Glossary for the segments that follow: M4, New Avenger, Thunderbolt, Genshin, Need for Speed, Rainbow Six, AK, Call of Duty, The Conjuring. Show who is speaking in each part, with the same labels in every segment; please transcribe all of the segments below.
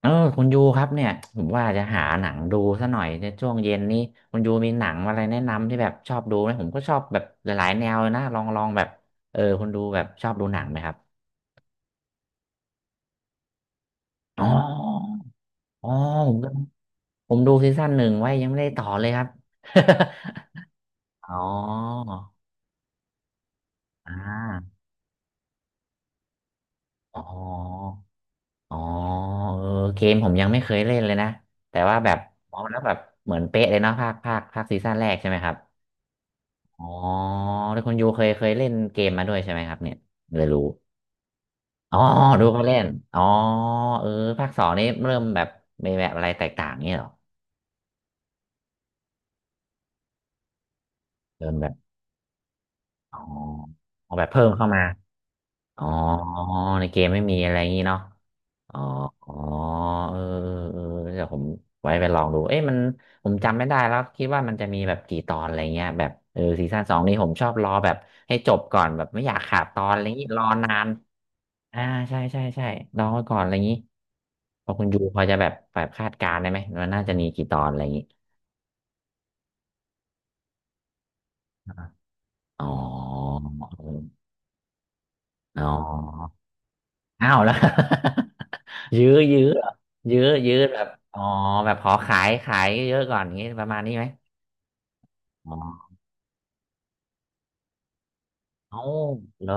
Speaker 1: เออคุณยูครับเนี่ยผมว่าจะหาหนังดูซะหน่อยในช่วงเย็นนี้คุณยูมีหนังอะไรแนะนำที่แบบชอบดูไหมผมก็ชอบแบบหลายๆแนวเลยนะลองแบบเออคุณดูแบบชอบดูหนังไหมครับอ๋ออ๋อผมก็ผมดูซีซั่นหนึ่งไว้ยังไม่ได้ต่อเลยครับ อ๋ออ่าอ๋ออ๋อเออเกมผมยังไม่เคยเล่นเลยนะแต่ว่าแบบอ๋อแล้วแบบเหมือนเป๊ะเลยเนาะภาคภาคภาคซีซั่นแรกใช่ไหมครับ อ๋อแล้วคุณยูเคยเล่นเกมมาด้วยใช่ไหมครับเนี่ยเลยรู้อ๋อดูเขาเล่นอ๋อเออภาคสองนี่เริ่มแบบมีแบบอะไรแตกต่างเนี่ยเหรอเริ่มแบบอ๋อเอาแบบเพิ่มเข้ามาอ๋อในเกมไม่มีอะไรอย่างนี้เนาะอ๋ออ๋อเออเออเออเดี๋ยวผมไว้ไปลองดูเอ๊ะมันผมจำไม่ได้แล้วคิดว่ามันจะมีแบบกี่ตอนอะไรเงี้ยแบบเออซีซั่นสองนี่ผมชอบรอแบบให้จบก่อนแบบไม่อยากขาดตอนอะไรอย่างนี้รอนาน อ่าใช่ใช่ใช่ลองไว้ก่อนอะไรอย่างนี้พอคุณยูพอจะแบบคาดการณ์ได้ไหมมันน่าจะมีกี่ตอนอะไรอย่างนี้อ๋ออ๋ออ้าวแล้ว ยื้อเหรอยื้อแบบอ๋อแบบขอขายเยอะก่อนอย่างงี้ประมาณนี้ไหมอ๋อเอ้าเหรอ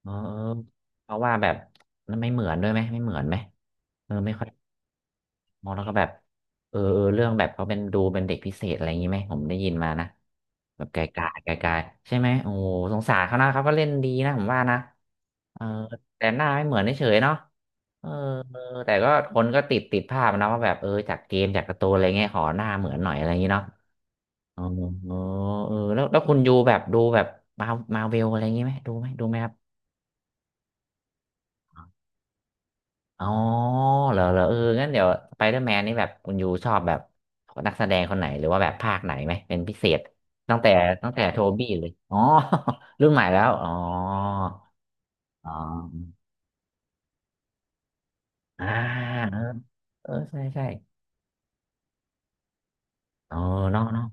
Speaker 1: เออเออเพราะว่าแบบมันไม่เหมือนด้วยไหมไม่เหมือนไหมเออไม่ค่อย มองแล้วก็แบบเออเออเรื่องแบบเขาเป็นดูเป็นเด็กพิเศษอะไรอย่างนี้ไหมผมได้ยินมานะแบบไกลๆไกลๆใช่ไหมโอ้โหสงสารเขานะเขาก็เล่นดีนะผมว่านะเออแต่หน้าไม่เหมือนเฉยๆเนาะเออเออแต่ก็คนก็ติดภาพนะว่าแบบเออจากเกมจากการ์ตูนอะไรเงี้ยขอหน้าเหมือนหน่อยอะไรอย่างนี้เนาะอ๋อเออเออแล้วคุณยูแบบดูแบบมามาเวลอะไรอย่างนี้ไหมดูไหมดูไหมครับ อ๋อเหรอเหรอเอองั้นเดี๋ยวสไปเดอร์แมนนี่แบบคุณยูชอบแบบนักแสดงคนไหนหรือว่าแบบภาคไหนไหมเป็นพิเศษตั้งแต่ตั้งแต่โทบี้เลยอ๋อ รุ่นใหม่แล้วอ๋ออ๋ออ่าเออเออใช่ใช่เออเนาะเนาะ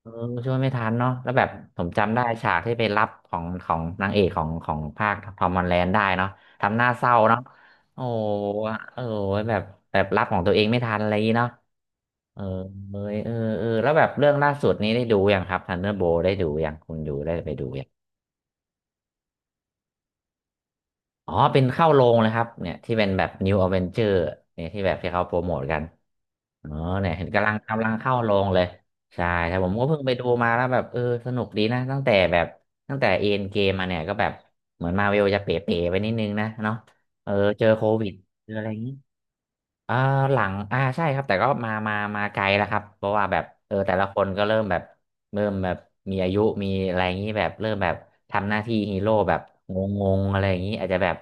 Speaker 1: เออช่วยไม่ทันเนาะแล้วแบบผมจำได้ฉากที่ไปรับของของนางเอกของของภาคทอมฮอลแลนด์ได้เนาะทำหน้าเศร้าเนาะโอ้โหเออแบบแบบรับของตัวเองไม่ทันอะไรอย่างงี้เนาะ เออเอยเออเออแล้วแบบเรื่องล่าสุดนี้ได้ดูยังครับ Thunderbolt ได้ดูยังคุณอยู่ได้ไปดูยังอ๋อ เป็นเข้าโรงเลยครับเนี่ยที่เป็นแบบ New Avenger เนี่ยที่แบบที่เขาโปรโมทกันอ๋อเนี่ยเห็นกำลังเข้าโรงเลย ใช่แต่ผมก็เพิ่งไปดูมาแล้วแบบเออสนุกดีนะ ตั้งแต่เอ็นเกมมาเนี่ยก็แบบเหมือนมาเวลจะเป๋ๆไปนิดนึงนะเนาะเออ เจอโควิดเจออะไรอย่างงี้ เออหลังอ่าใช่ครับแต่ก็มาไกลแล้วครับเพราะว่าแบบเออแต่ละคนก็เริ่มแบบเริ่มแบบมีอายุมีอะไรอย่างนี้แบบเริ่มแบบทำหน้าที่ฮีโร่แบบงงๆอะไรอย่างนี้อาจจะแบบ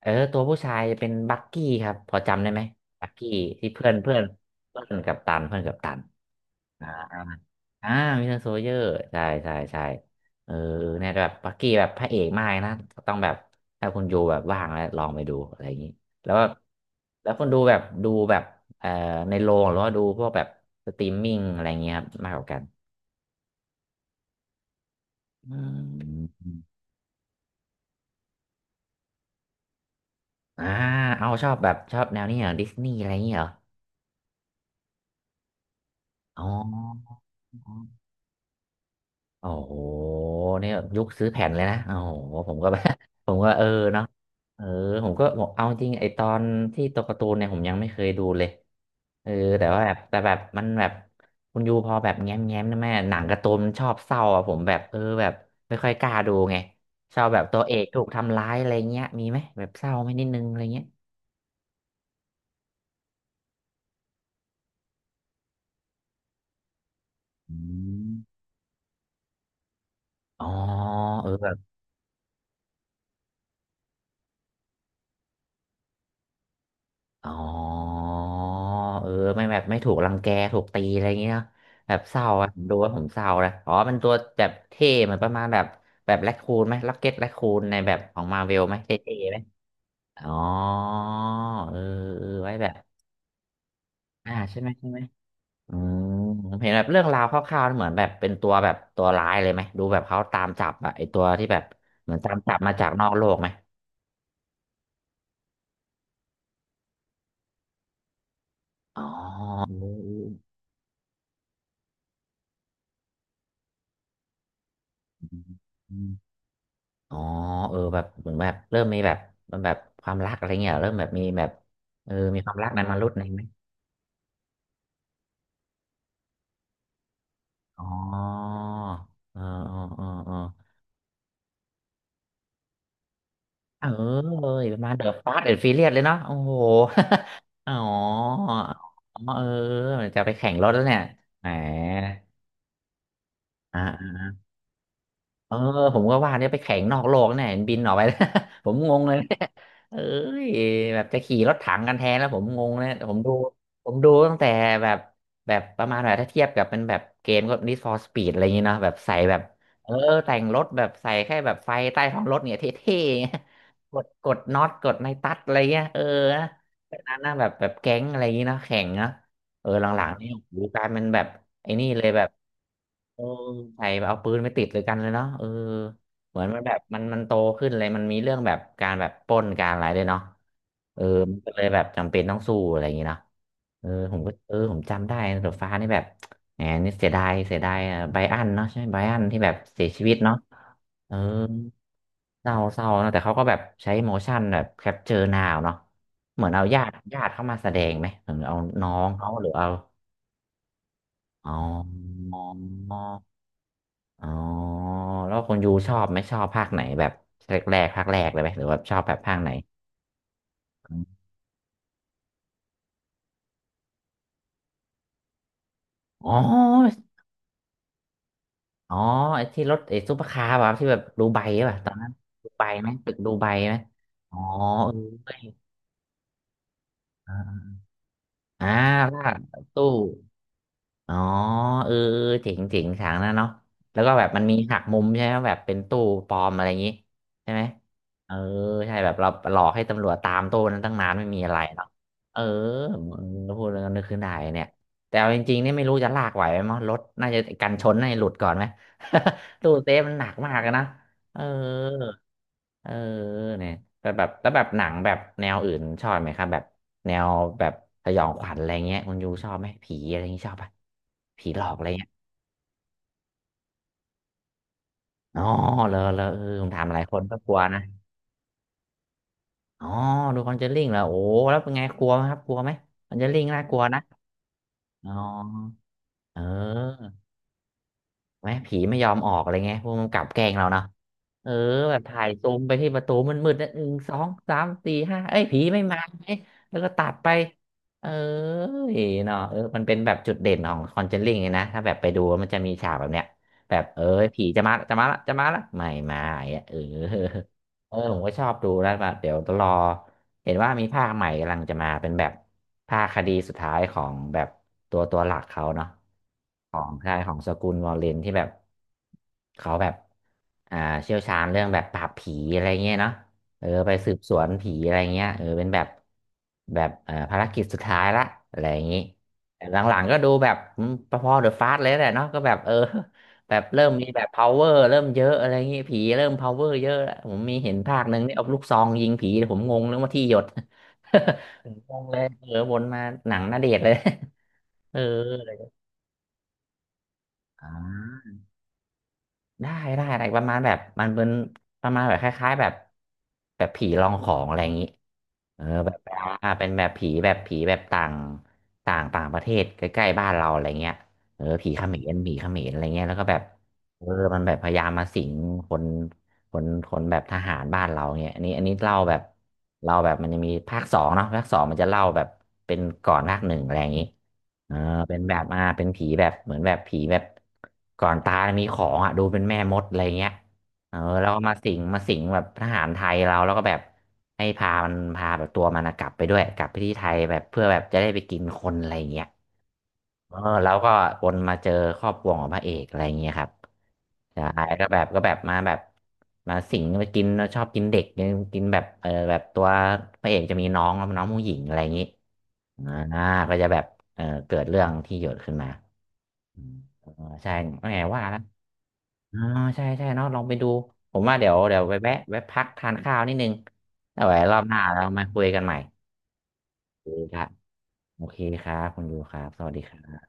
Speaker 1: เออตัวผู้ชายจะเป็นบักกี้ครับพอจำได้ไหมบักกี้ที่เพื่อนเพื่อนเพื่อนกับตันอ่า อ่าวินเทอร์โซเยอร์ใช่ใช่ใช่เออเนี่ยแบบปักกี้แบบพระเอกมากเลยนะต้องแบบถ้าคุณดูแบบว่างแล้วลองไปดูอะไรอย่างนี้แล้วก็แล้วคุณดูแบบเอ่อในโรงหรือว่าดูพวกแบบสตรีมมิ่งอะไรอย่างเงี้ยครับมากกว่ากันอืมอ่าเอาชอบแบบชอบแนวนี้เหรอดิสนีย์อะไรอย่างเงี้ยเหรออ๋อ โอ้โหเนี่ยยุคซื้อแผ่นเลยนะโอ้โหผมก็แบบ ผมก็เออเนาะเออผมก็บอกเอาจริงไอตอนที่ตัวการ์ตูนเนี่ยผมยังไม่เคยดูเลยเออแต่ว่าแบบแต่แบบมันแบบคุณยูพอแบบแง้มนะแม่หนังการ์ตูนมันชอบเศร้าอะผมแบบเออแบบไม่ค่อยกล้าดูไงชอบแบบตัวเอกถูกทำร้ายอะไรเงี้ยมีไหมแบบเศร้าไหมนิดนึงอะไรเงี้ยอืมอ๋อเออ อ๋อเออไม่แบบไม่ถูกรังแกถูกตีอะไรอย่างเงี้ยเนาะแบบเศร้าอะผมดูว่าผมเศร้านะอ๋อมันตัวแบบเท่เหมือนประมาณแบบแบบแรคคูนไหมล็อกเก็ตแรคคูนในแบบของมาเวลไหมเท่ๆไหมอ๋อเออเออไว้แบบอ่าใช่ไหมใช่ไหมอืมผมเห็นแบบเรื่องราวคร่าวๆเหมือนแบบเป็นตัวแบบตัวร้ายเลยไหมดูแบบเขาตามจับอะไอตัวที่แบบเหมือนตามจับมาจากนอกโลกไหมอ๋อเออ อ๋อเออแบบเหมือนแบบเริ่มมีแบบมันแบบความรักอะไรเงี้ยเหรอเริ่มแบบมีแบบเออมีความรักนั้นมารุดในไหมอ๋อเออเออเออเออเออเอยประมาณเดอะฟาสต์แอนด์ฟิเลียสเลยเนาะโอ้โหอ๋ออ๋อเออจะไปแข่งรถแล้วเนี่ยแหมอ่า เออผมก็ว่าเนี่ยไปแข่งนอกโลกเนี่ยเห็นบินออกไป ผมงงเลย เนี่ยเอ้ยแบบจะขี่รถถังกันแทนแล้วผมงงเลยผมดูผมดูตั้งแต่แบบแบบประมาณแบบถ้าเทียบกับเป็นแบบเกมก็ Need for Speed อะไรอย่างเงี้เนาะแบบใส่แบบเออแต่งรถแบบใส่แค่แบบไฟใต้ท้องรถเนี่ยเท่ๆเงี้ย กดน็อตกดในตัดอะไรเงี้ยเออนะแบบนั้นนะแบบแบบแก๊งอะไรอย่างเงี้เนาะแข่งเนาะเออหลังๆนี่โอ้โหกลายเป็นแบบไอ้นี่เลยแบบ เออใส่เอาปืนไปติดเลยกันเลยเนาะเออเหมือนมันแบบมันโตขึ้นเลยมันมีเรื่องแบบการแบบปล้นการอะไรด้วยเนาะเออมันก็เลยแบบจำเป็นต้องสู้อะไรอย่างงี้เนาะเออผมก็เออผมจำได้นะรถไฟฟ้านี่แบบแหมนี่เสียดายอ่ะไบรอันเนาะใช่ไหมไบรอันที่แบบเสียชีวิตเนาะเออเศร้าเนอะแต่เขาก็แบบใช้โมชั่นแบบแคปเจอร์นาวเนาะเหมือนเอาญาติเข้ามาแสดงไหมเหมือนเอาน้องเขาหรือเอาอ๋อ อ๋อแล้วคนยูชอบไหมชอบภาคไหนแบบแรกภาคแรกเลยไหมหรือว่าชอบแบบภาคไหนอมอ๋ออ๋อไอ้ที่รถไอ้ซุปเปอร์คาร์แบบที่แบบดูไบป่ะตอนนั้นดูไบไหมตึกดูไบไหมอ๋อเอออ่าล่ากตู้ อ๋อเออเออเจ๋งฉากนั้นเนาะแล้วก็แบบมันมีหักมุมใช่ไหมแบบเป็นตู้ปลอมอะไรอย่างงี้ใช่ไหมเออใช่แบบเราหลอกให้ตำรวจตามตู้นั้นตั้งนานไม่มีอะไรเนาะเออพูดแล้วก็นึกขึ้นได้เนี่ยแต่เอาจริงๆเนี่ยไม่รู้จะลากไหวไหมมั้งรถน่าจะกันชนน่าจะหลุดก่อนไหม ตู้เซฟมันหนักมากอะนะเออเออเนี่ย แต่แบบแล้วแบบหนังแบบแนวอื่นชอบไหมครับแบบแนวแบบสยองขวัญอะไรเงี้ยคุณยูชอบไหม ผีอะไรอยงี้ยชอบปะผีหลอกอะไรเงี้ยอ๋อเออผมถามหลายคนก็กลัวนะอ๋อดูคอนเจอริ่งเหรอโอ้แล้วเป็นไงกลัวไหมครับกลัวไหมคอนเจอริ่งน่ากลัวนะอ๋อเออ ไหมผีไม่ยอมออกอะไรเงี้ยพวกมันกลับแกล้งเราเนาะเออแบบถ่ายซูมไปที่ประตูมนมืดๆนะหนึ่งสองสามสี่ห้าเอ้ยผีไม่มาเอ้ยแล้วก็ตัดไปเออเนาะเออมันเป็นแบบจุดเด่นของคอนเจลลิ่งนะถ้าแบบไปดูมันจะมีฉากแบบเนี้ยแบบเออผีจะมาจะมาละจะมาละไม่มาอย่างเงี้ยเออ เออผมก็ชอบดูแล้วแบบเดี๋ยวรอ เห็นว่ามีภาคใหม่กำลังจะมาเป็นแบบภาคคดีสุดท้ายของแบบตัวหลักเขาเนาะของใช่ของสกุลวอลเลนที่แบบเขาแบบอ่าเชี่ยวชาญเรื่องแบบปราบผีอะไรเงี้ยเนาะเออไปสืบสวนผีอะไรเงี้ยเออเป็นแบบแบบภารกิจสุดท้ายละอะไรอย่างนี้แต่หลังๆก็ดูแบบอืมพอๆเดอะฟาสเลยแหละเนาะก็แบบเออ แบบเริ่มมีแบบ power เริ่มเยอะอะไรเงี้ยผีเริ่ม power เยอะแล้วผมมีเห็นภาคหนึ่งเนี่ยเอาลูกซองยิงผีผมงงเรื่องว่าที่หยด ผมงงเลยเออวนมาหนังณเดชน์เลย เอออ่าได้ได้อะไรประมาณแบบมันเป็นประมาณแบบคล้ายๆแบบแบบผีลองของอะไรอย่างนี้เออแบบอ่าเป็นแบบผีแบบผีแบบต่างต่างต่างประเทศใกล้ๆบ้านเราอะไรเงี้ยเออผีเขมรอะไรเงี้ยแล้วก็แบบเออมันแบบพยายามมาสิงคน ขนแบบทหารบ้านเราเนี่ยอันนี้เล่าแบบเล่าแบบมันจะมีภาคสองเนาะภาคสองมันจะเล่าแบบเป็นก่อนภาคหนึ่งอะไรอย่างนี้เอ่าเป็นแบบอ่าเป็นผีแบบเหมือนแบบผีแบบก่อนตายมีของอ่ะดูเป็นแม่มดอะไรเงี้ยเออแล้วก็มาสิงแบบทหารไทยเราแล้วก็แบบให้พามันพาแบบตัวมันอะกลับไปด้วยกลับไปที่ไทยแบบเพื่อแบบจะได้ไปกินคนอะไรอย่างเงี้ย เออแล้วก็วนมาเจอครอบครัวของพระเอกอะไรอย่างเงี้ยครับใช่ก็แบบก็แบบมาแบบมาสิงมากินชอบกินเด็กกินแบบเออแบบตัวพระเอกจะมีน้องน้องผู้หญิงอะไรอย่างงี้อ่าก็จะแบบเออเกิดเรื่องที่หยดขึ้นมาอืมเออใช่ไม่ไงว่าแล้วอ๋อใช่ใช่เนาะลองไปดูผมว่าเดี๋ยวไปแวะแวะพักทานข้าวนิดนึงแล้วไว้รอบหน้าเรามาคุยกันใหม่ดีครับโอเคครับคุณยูครับสวัสดีครับ